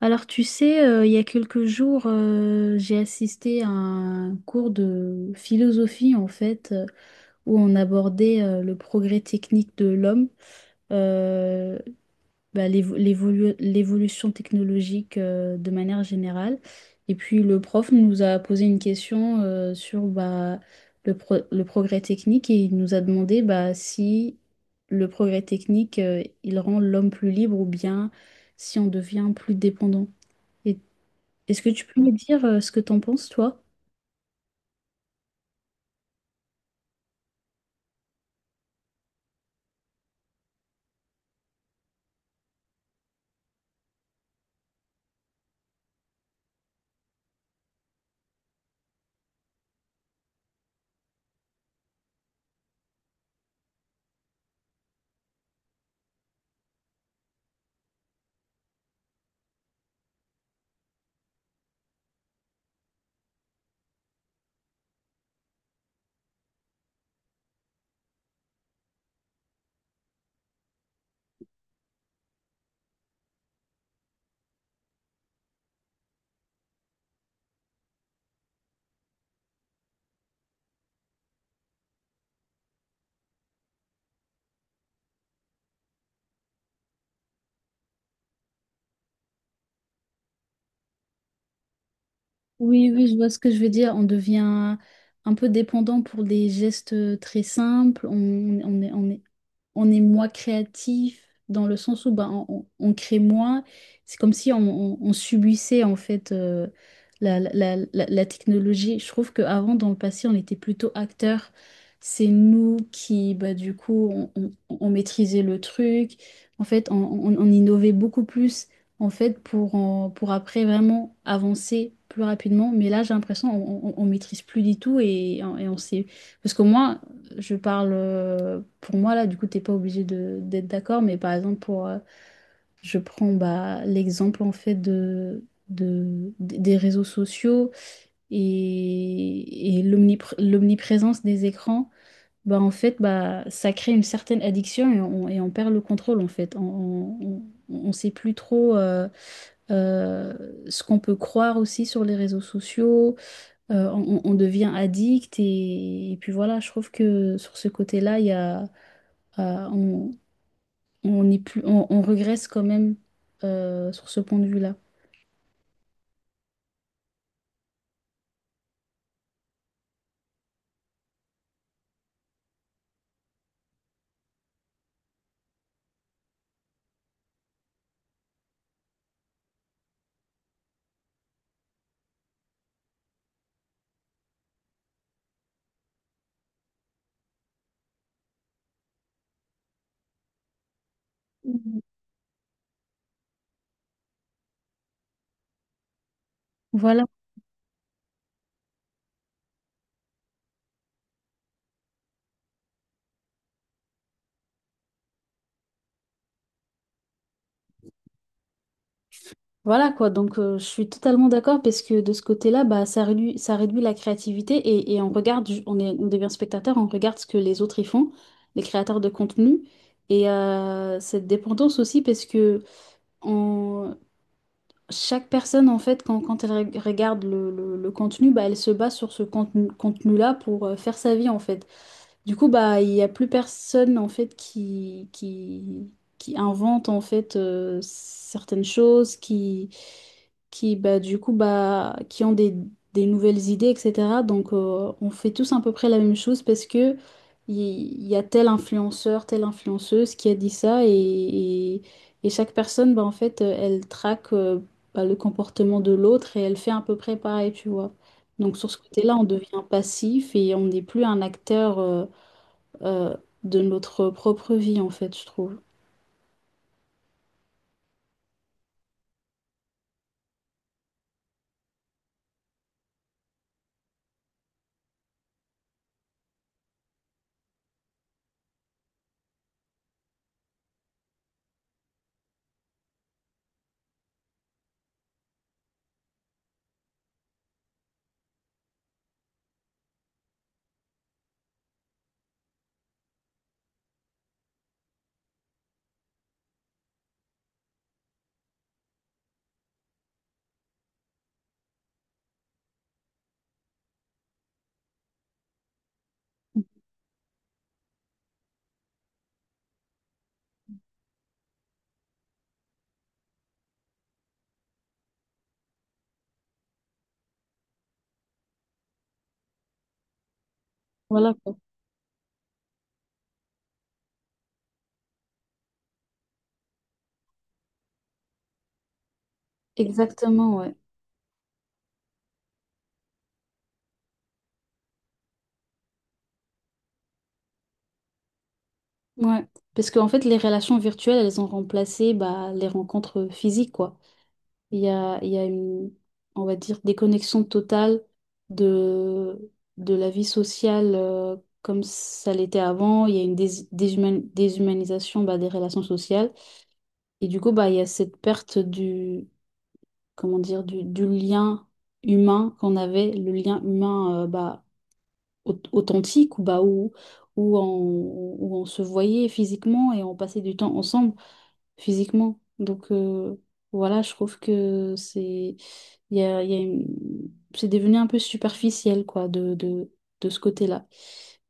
Alors, tu sais, il y a quelques jours, j'ai assisté à un cours de philosophie, en fait, où on abordait le progrès technique de l'homme, euh, l'évolution technologique de manière générale. Et puis, le prof nous a posé une question sur le progrès technique et il nous a demandé bah, si le progrès technique, il rend l'homme plus libre ou bien si on devient plus dépendant. Et est-ce que tu peux me dire ce que t'en penses, toi? Oui, oui, je vois ce que je veux dire. On devient un peu dépendant pour des gestes très simples. On est, on est, on est moins créatif dans le sens où ben, on crée moins. C'est comme si on subissait en fait la, la- la technologie. Je trouve qu'avant, dans le passé, on était plutôt acteurs. C'est nous qui, bah, du coup, on maîtrisait le truc. En fait, on innovait beaucoup plus. En fait, pour après vraiment avancer plus rapidement. Mais là, j'ai l'impression on maîtrise plus du tout et on sait. Parce que moi, je parle pour moi, là, du coup, t'es pas obligé de, d'être d'accord. Mais par exemple, je prends bah, l'exemple en fait de, des réseaux sociaux et l'omniprésence des écrans. Bah, en fait, bah, ça crée une certaine addiction et on perd le contrôle en fait. On, on- on sait plus trop. Euh, ce qu'on peut croire aussi sur les réseaux sociaux. On devient addict et puis voilà, je trouve que sur ce côté-là, il y a, euh, on, on est plus, on regresse quand même sur ce point de vue-là. Mhm. Voilà. Voilà quoi, donc je suis totalement d'accord parce que de ce côté-là, bah, ça réduit la créativité et on regarde, on devient spectateur, on regarde ce que les autres y font, les créateurs de contenu. Et cette dépendance aussi parce que chaque personne, en fait, quand elle regarde le contenu, bah, elle se base sur ce contenu-là pour faire sa vie, en fait. Du coup, bah, il n'y a plus personne, en fait, qui invente, en fait, certaines choses, du coup, bah, qui ont des nouvelles idées, etc. Donc, on fait tous à peu près la même chose parce que il il y a tel influenceur, telle influenceuse qui a dit ça et- et chaque personne, bah, en fait, elle traque bah, le comportement de l'autre et elle fait à peu près pareil, tu vois. Donc sur ce côté-là, on devient passif et on n'est plus un acteur euh, de notre propre vie, en fait, je trouve. Voilà quoi. Exactement, ouais. Ouais. Parce qu'en fait, les relations virtuelles, elles ont remplacé bah, les rencontres physiques, quoi. Il y a une, on va dire, déconnexion totale de, de la vie sociale comme ça l'était avant. Il y a une déshumanisation bah, des relations sociales. Et du coup, bah, il y a cette perte du, comment dire, du lien humain qu'on avait, le lien humain bah, authentique, ou bah, où, on, où on se voyait physiquement et on passait du temps ensemble physiquement. Donc voilà, je trouve que c'est il y a une- c'est devenu un peu superficiel quoi de ce côté-là.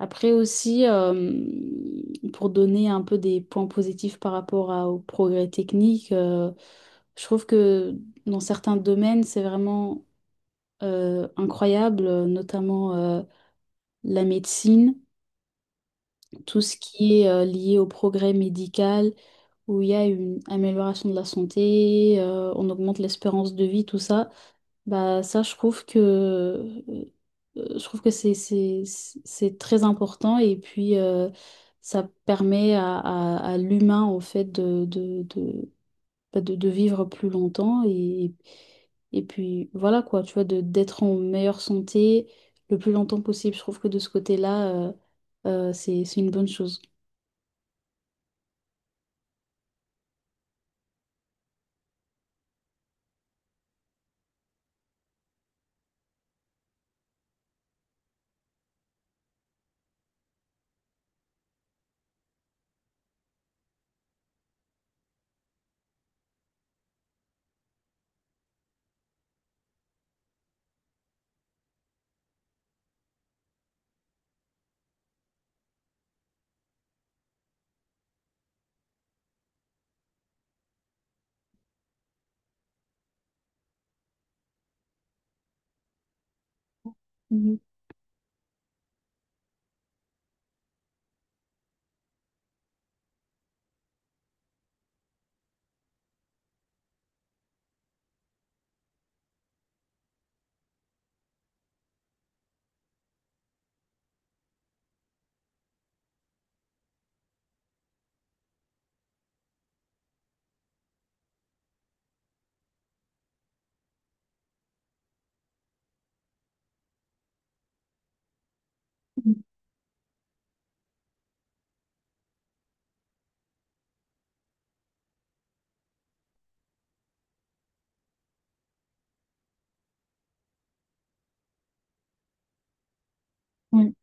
Après aussi, pour donner un peu des points positifs par rapport à, au progrès technique, je trouve que dans certains domaines, c'est vraiment incroyable, notamment la médecine, tout ce qui est lié au progrès médical où il y a une amélioration de la santé, on augmente l'espérance de vie, tout ça, bah ça je trouve que c'est très important et puis ça permet à l'humain en fait de, bah, de vivre plus longtemps et puis voilà quoi, tu vois, de d'être en meilleure santé le plus longtemps possible. Je trouve que de ce côté-là, c'est une bonne chose. Mhm. Ouais.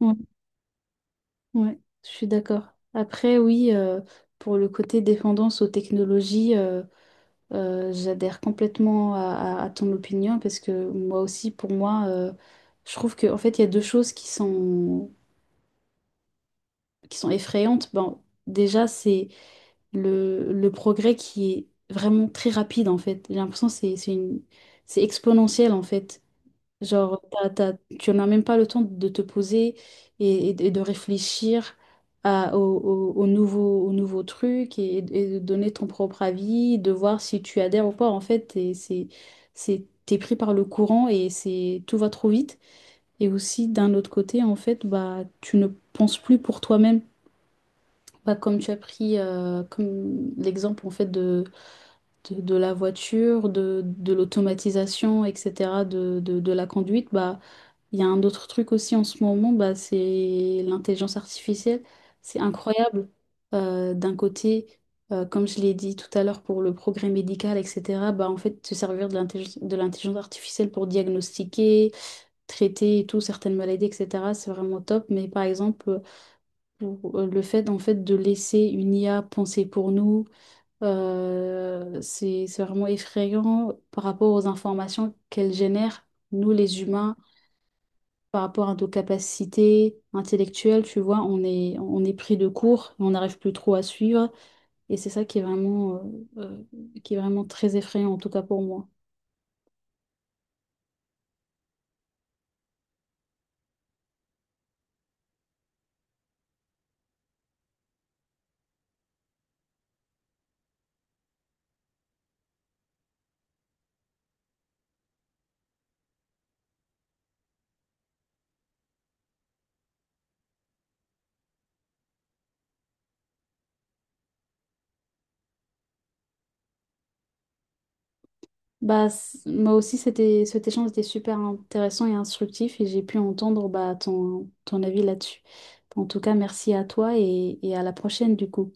Ouais. Ouais, je suis d'accord. Après, oui, pour le côté dépendance aux technologies, j'adhère complètement à ton opinion parce que moi aussi, pour moi, je trouve que en fait, il y a deux choses qui sont effrayantes. Bon, déjà, c'est le progrès qui est vraiment très rapide, en fait. J'ai l'impression que c'est exponentiel, en fait. Genre, tu n'as même pas le temps de te poser et de réfléchir au nouveau truc et de donner ton propre avis, de voir si tu adhères ou pas. En fait, t'es pris par le courant et c'est, tout va trop vite. Et aussi, d'un autre côté, en fait, bah, tu ne penses plus pour toi-même. Bah, comme tu as pris comme l'exemple en fait de la voiture, de l'automatisation, etc., de la conduite, bah, il y a un autre truc aussi en ce moment, bah, c'est l'intelligence artificielle. C'est incroyable. D'un côté, comme je l'ai dit tout à l'heure pour le progrès médical, etc., bah, en fait, se servir de l'intelligence artificielle pour diagnostiquer, traiter et tout, certaines maladies, etc., c'est vraiment top. Mais par exemple, pour le fait, en fait, de laisser une IA penser pour nous, c'est vraiment effrayant par rapport aux informations qu'elle génère, nous les humains par rapport à nos capacités intellectuelles, tu vois, on est pris de court, on n'arrive plus trop à suivre. Et c'est ça qui est vraiment très effrayant, en tout cas pour moi. Bah, moi aussi, cet échange était super intéressant et instructif et j'ai pu entendre bah, ton avis là-dessus. En tout cas, merci à toi et à la prochaine du coup.